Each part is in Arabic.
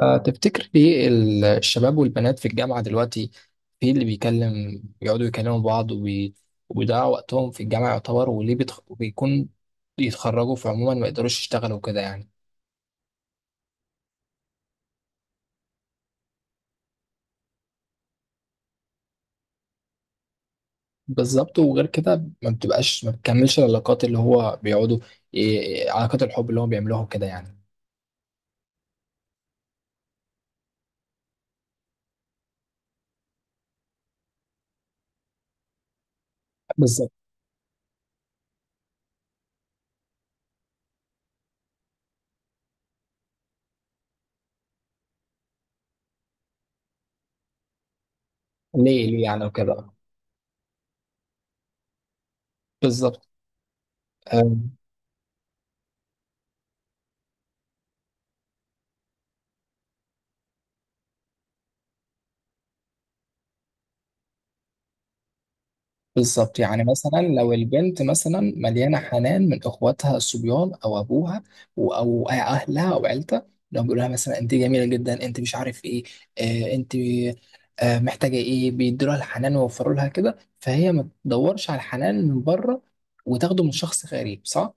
تفتكر ليه الشباب والبنات في الجامعة دلوقتي في اللي بيكلم بيقعدوا يكلموا بعض وبيضيعوا وقتهم في الجامعة يعتبر، وليه بيكون يتخرجوا فعموما ما يقدروش يشتغلوا كده يعني؟ بالظبط، وغير كده ما بتكملش العلاقات، اللي هو بيقعدوا علاقات الحب اللي هو بيعملوها كده يعني. بالظبط. ليه ليه يعني وكده. بالظبط. آه. بالظبط، يعني مثلا لو البنت مثلا مليانه حنان من اخواتها الصبيان او ابوها او اهلها او عيلتها، لو بيقولوا لها مثلا انت جميله جدا، انت مش عارف ايه، آه انت آه محتاجه ايه، بيدوا لها الحنان ويوفروا لها كده، فهي ما تدورش على الحنان من بره وتاخده من شخص غريب، صح؟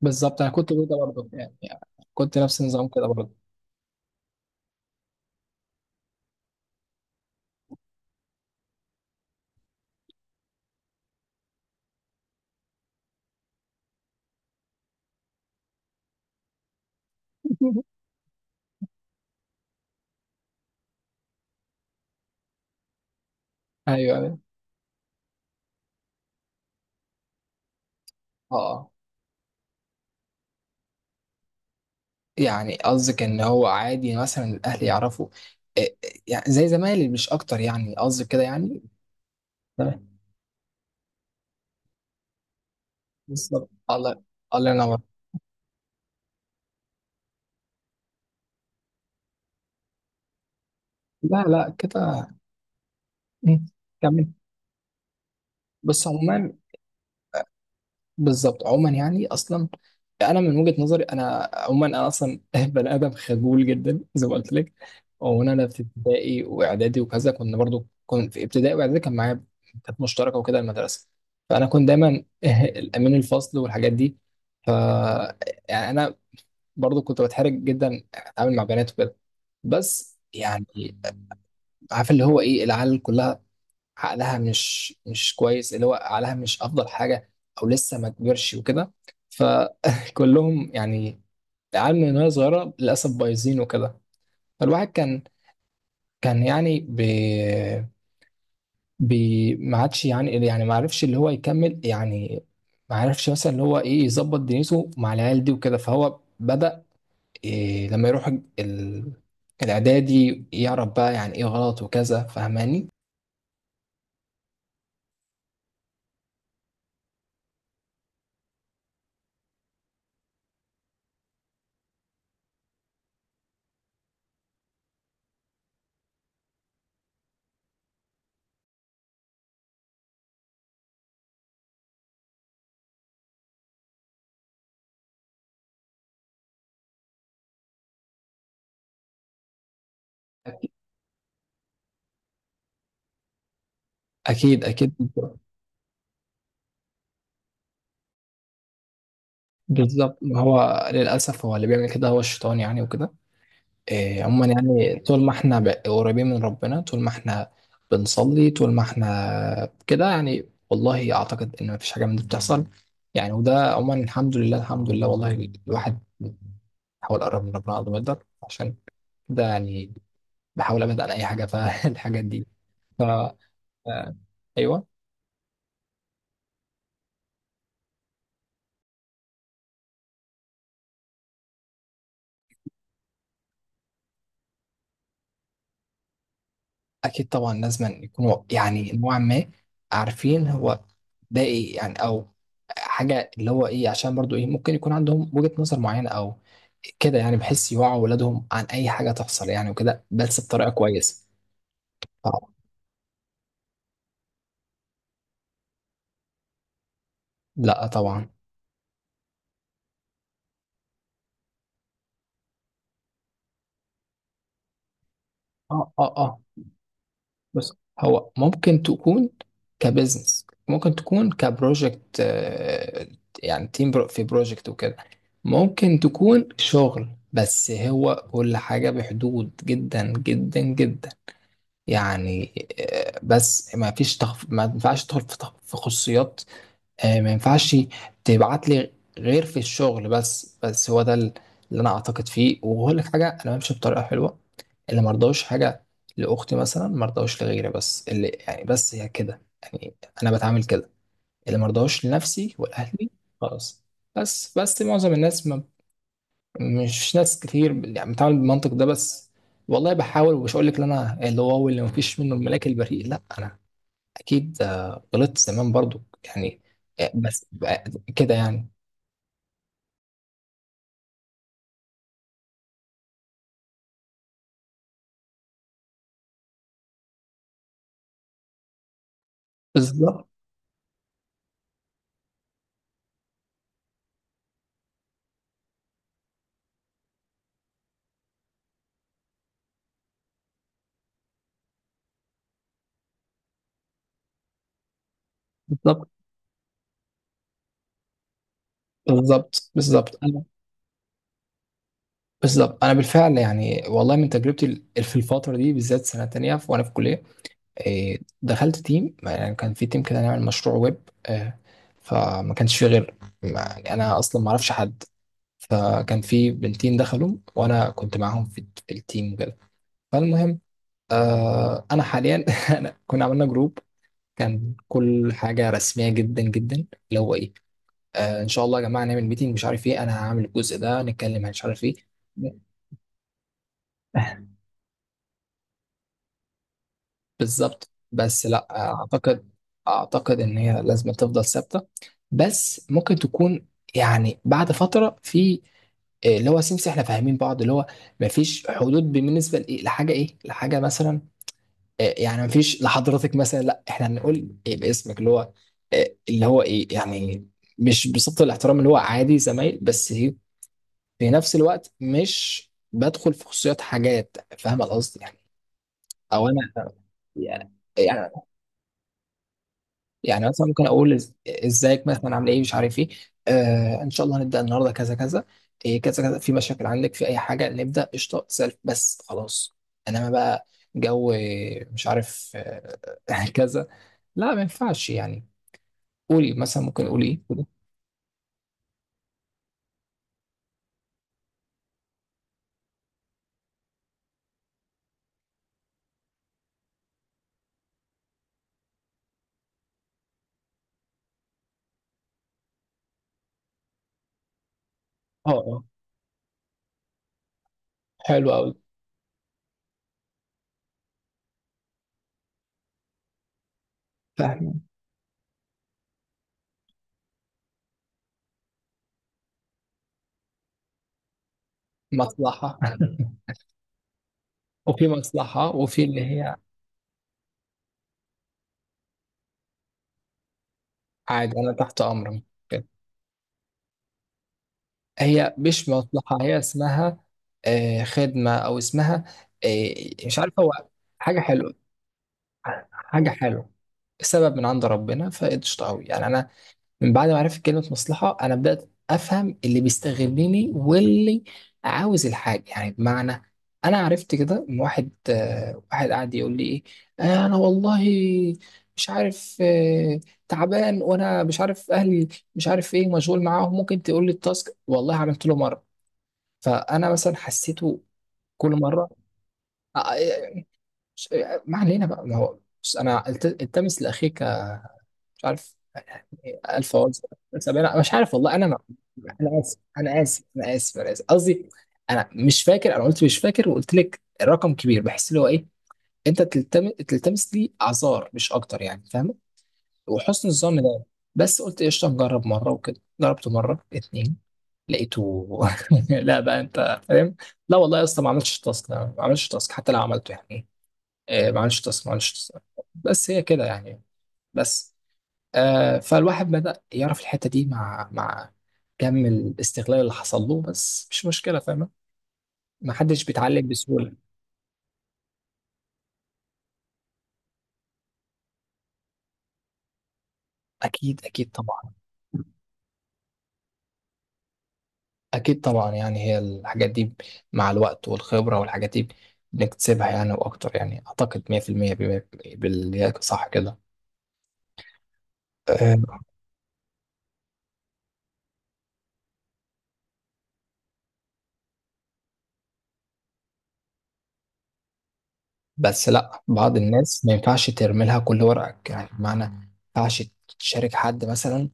بالظبط، انا كنت كده برضه يعني، كنت نفس النظام كده برضه. ايوه، أيوة. اه. يعني قصدك ان هو عادي مثلا الاهل يعرفوا إيه- يعني زي زمايلي مش اكتر، يعني قصدك كده يعني. تمام، بالظبط. الله، الله ينور. لا لا كده. مم. كمل. بس عموما بالظبط، عموما يعني اصلا، انا من وجهة نظري، انا عموما انا اصلا بني ادم خجول جدا زي ما قلت لك. وانا في ابتدائي واعدادي وكذا كنا برضو، كنت في ابتدائي واعدادي كان معايا، كانت مشتركه وكده المدرسه. فانا كنت دايما الامين الفصل والحاجات دي. ف، يعني انا برضو كنت بتحرج جدا اتعامل مع بنات وكده. بس يعني عارف اللي هو ايه، العيال كلها عقلها مش كويس، اللي هو عقلها مش افضل حاجه، او لسه ما كبرش وكده. فكلهم يعني العيال من وهي صغيره للاسف بايظين وكده. فالواحد كان يعني بي ما عادش يعني، يعني ما عرفش اللي هو يكمل يعني، ما عرفش مثلا اللي هو ايه يظبط دنيته مع العيال دي وكده. فهو بدأ إيه لما يروح ال... الاعدادي يعرف بقى يعني ايه غلط وكذا، فاهماني؟ اكيد اكيد بالظبط. ما هو للأسف هو اللي بيعمل كده هو الشيطان يعني وكده. إيه، عموما يعني طول ما احنا قريبين من ربنا، طول ما احنا بنصلي، طول ما احنا كده يعني، والله أعتقد إن مفيش حاجة من دي بتحصل يعني. وده عموما الحمد لله، الحمد لله، والله الواحد بيحاول يقرب من ربنا قد ما يقدر عشان كده يعني، بحاول أبعد عن أي حاجة فالحاجات دي. ف، آه، أيوه. اكيد طبعا، لازم يكونوا يعني نوعا ما عارفين هو ده ايه يعني، او حاجه اللي هو ايه، عشان برضو ايه ممكن يكون عندهم وجهه نظر معينه او كده يعني، بحيث يوعوا ولادهم عن اي حاجه تحصل يعني وكده، بس بطريقه كويسه. آه، لا طبعا. اه اه اه، بس هو ممكن تكون كبزنس، ممكن تكون كبروجكت، آه، يعني تيم برو في بروجكت وكده، ممكن تكون شغل، بس هو كل حاجة بحدود جدا جدا جدا يعني. آه، بس ما فيش ما ينفعش تدخل في في خصوصيات، آه، ما ينفعش تبعت لي غير في الشغل بس. بس هو ده اللي انا اعتقد فيه. وهقول لك حاجه، انا بمشي بطريقه حلوه، اللي مرضاش حاجه لاختي مثلا مرضاش لغيري، بس اللي يعني، بس هي كده يعني، انا بتعامل كده، اللي مرضاش لنفسي ولاهلي. خلاص. بس معظم الناس ما، مش ناس كتير يعني بتعامل بالمنطق ده. بس والله بحاول، ومش هقول لك ان انا اللي واو، اللي مفيش منه، الملاك البريء، لا، انا اكيد آه، غلطت زمان برضو يعني، آه، بس آه، كده يعني. بالظبط بالظبط. بالظبط بالظبط. انا بالظبط، انا بالفعل يعني والله، من تجربتي في الفتره دي بالذات سنه تانية وانا في كليه، آه، دخلت تيم، يعني كان في تيم كده نعمل مشروع ويب، آه، فما كانش فيه غير، يعني انا اصلا ما اعرفش حد، فكان في بنتين دخلوا وانا كنت معاهم في التيم وكده. فالمهم آه، انا حاليا، انا كنا عملنا جروب، كان كل حاجة رسمية جدا جدا، اللي هو ايه آه ان شاء الله يا جماعة نعمل ميتنج، مش عارف ايه، انا هعمل الجزء ده، نتكلم عن مش عارف ايه. بالظبط، بس لا، اعتقد اعتقد ان هي لازم تفضل ثابتة، بس ممكن تكون يعني بعد فترة في آه، اللي هو سمسم، احنا فاهمين بعض، اللي هو مفيش حدود بالنسبة لايه، لحاجة ايه، لحاجة مثلا آه، يعني مفيش لحضرتك مثلا، لا احنا هنقول إيه باسمك، اللي هو آه، اللي هو ايه يعني، مش بصفة الاحترام، اللي هو عادي زمايل، بس إيه، في نفس الوقت مش بدخل في خصوصيات حاجات، فاهم القصد يعني؟ او انا يعني يعني، يعني مثلا ممكن اقول ازيك مثلا، عامل ايه، مش عارف ايه، آه ان شاء الله هنبدا النهارده كذا كذا، إيه كذا كذا، في مشاكل عندك في اي حاجه، نبدا قشطه، تسال بس خلاص. انما بقى جو آه، مش عارف آه، كذا، لا ما ينفعش يعني. قولي مثلا، ممكن قولي ايه قولي. اه اه. حلو قوي. فاهم. مصلحه. وفي مصلحه وفي اللي هي عادي، انا تحت امرك. هي مش مصلحة، هي اسمها آه، خدمة، أو اسمها آه، مش عارف هو حاجة حلوة، حاجة حلوة، السبب من عند ربنا فقشطة أوي يعني. أنا من بعد ما عرفت كلمة مصلحة، أنا بدأت أفهم اللي بيستغلني واللي عاوز الحاجة، يعني بمعنى أنا عرفت كده من واحد آه، واحد قاعد يقول لي إيه آه، أنا والله مش عارف آه، تعبان وأنا مش عارف أهلي، مش عارف إيه، مشغول معاهم، ممكن تقول لي التاسك؟ والله عملت له مرة. فانا مثلا حسيته كل مره آه، ش- ما علينا بقى، ما هو بس انا التمس لاخيك، مش عارف، الف عذر، سبعين مش عارف والله انا ما، انا اسف انا اسف انا اسف قصدي، انا مش فاكر، انا قلت مش فاكر وقلت لك رقم كبير، بحس اللي هو ايه، انت تلتمس، تلتمس لي اعذار مش اكتر يعني، فاهم؟ وحسن الظن ده، بس قلت قشطه نجرب مره وكده، جربت مره اتنين لقيته لا بقى انت فاهم. لا والله يا اسطى ما عملتش تاسك، ما عملتش تاسك، حتى لو عملته يعني، آه، ما عملتش تاسك، ما عملتش تاسك، بس هي كده يعني. بس آه، فالواحد بدأ يعرف الحتة دي مع كم الاستغلال اللي حصل له، بس مش مشكلة، فاهمة؟ ما حدش بيتعلم بسهولة. أكيد أكيد طبعا. أكيد طبعا، يعني هي الحاجات دي مع الوقت والخبرة والحاجات دي بنكتسبها يعني، وأكتر يعني، أعتقد 100% بما-، باللي هي صح كده آه، بس لا بعض الناس ما ينفعش ترمي لها كل ورقك، يعني بمعنى ما ينفعش تشارك حد مثلا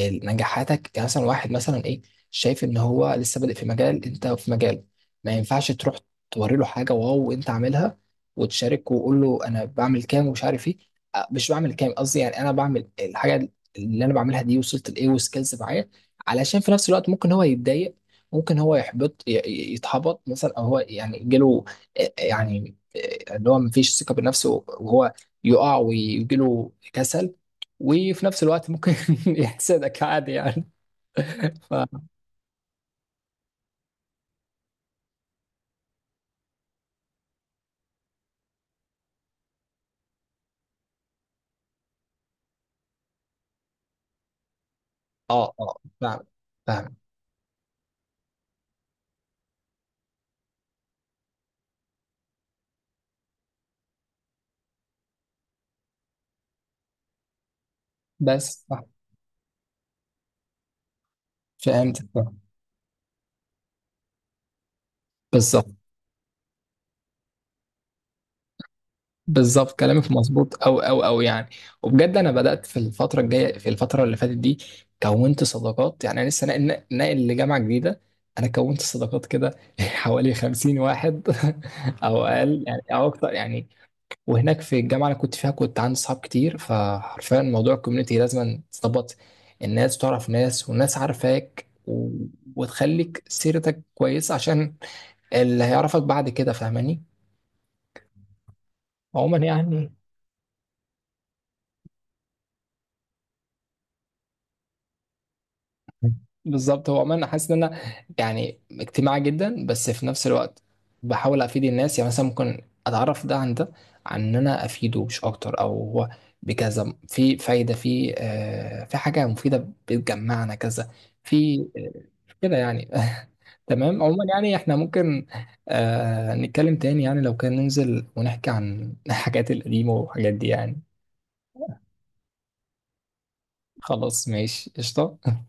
نجاحاتك، يعني مثلا واحد مثلا ايه، شايف ان هو لسه بادئ في مجال انت في مجال، ما ينفعش تروح توري له حاجه واو انت عاملها، وتشارك وقول له انا بعمل كام، ومش عارف ايه، أه، مش بعمل كام قصدي، يعني انا بعمل الحاجه اللي انا بعملها دي، وصلت لايه، وسكيلز معايا، علشان في نفس الوقت ممكن هو يتضايق، ممكن هو يحبط، يتحبط مثلا، او هو يعني جاله يعني آه، اللي هو مفيش ثقة بنفسه، وهو يقع ويجيله كسل، وفي نفس الوقت ممكن يحسدك عادي يعني. ف، اه اه، فاهم فاهم. بس صح. فهمت. بالظبط بالظبط كلامك مظبوط، او او او يعني. وبجد انا بدات في الفتره الجايه، في الفتره اللي فاتت دي كونت صداقات، يعني انا لسه ناقل لجامعه جديده، انا كونت صداقات كده حوالي 50 واحد، او اقل يعني او اكتر يعني. وهناك في الجامعه اللي كنت فيها كنت عندي صحاب كتير، فحرفيا موضوع الكوميونتي لازم تظبط، الناس تعرف ناس والناس عارفاك و... وتخليك سيرتك كويسه عشان اللي هيعرفك بعد كده، فاهماني؟ عموما يعني بالظبط، هو عموما انا حاسس ان انا يعني اجتماعي جدا، بس في نفس الوقت بحاول افيد الناس، يعني مثلا ممكن اتعرف ده عن ده، عن ان انا افيده مش اكتر، او هو بكذا في فايده، في آه في حاجه مفيده بتجمعنا كذا، في آه كده يعني. تمام، عموما يعني احنا ممكن آه نتكلم تاني، يعني لو كان ننزل ونحكي عن الحاجات القديمه والحاجات دي يعني. خلاص ماشي قشطه.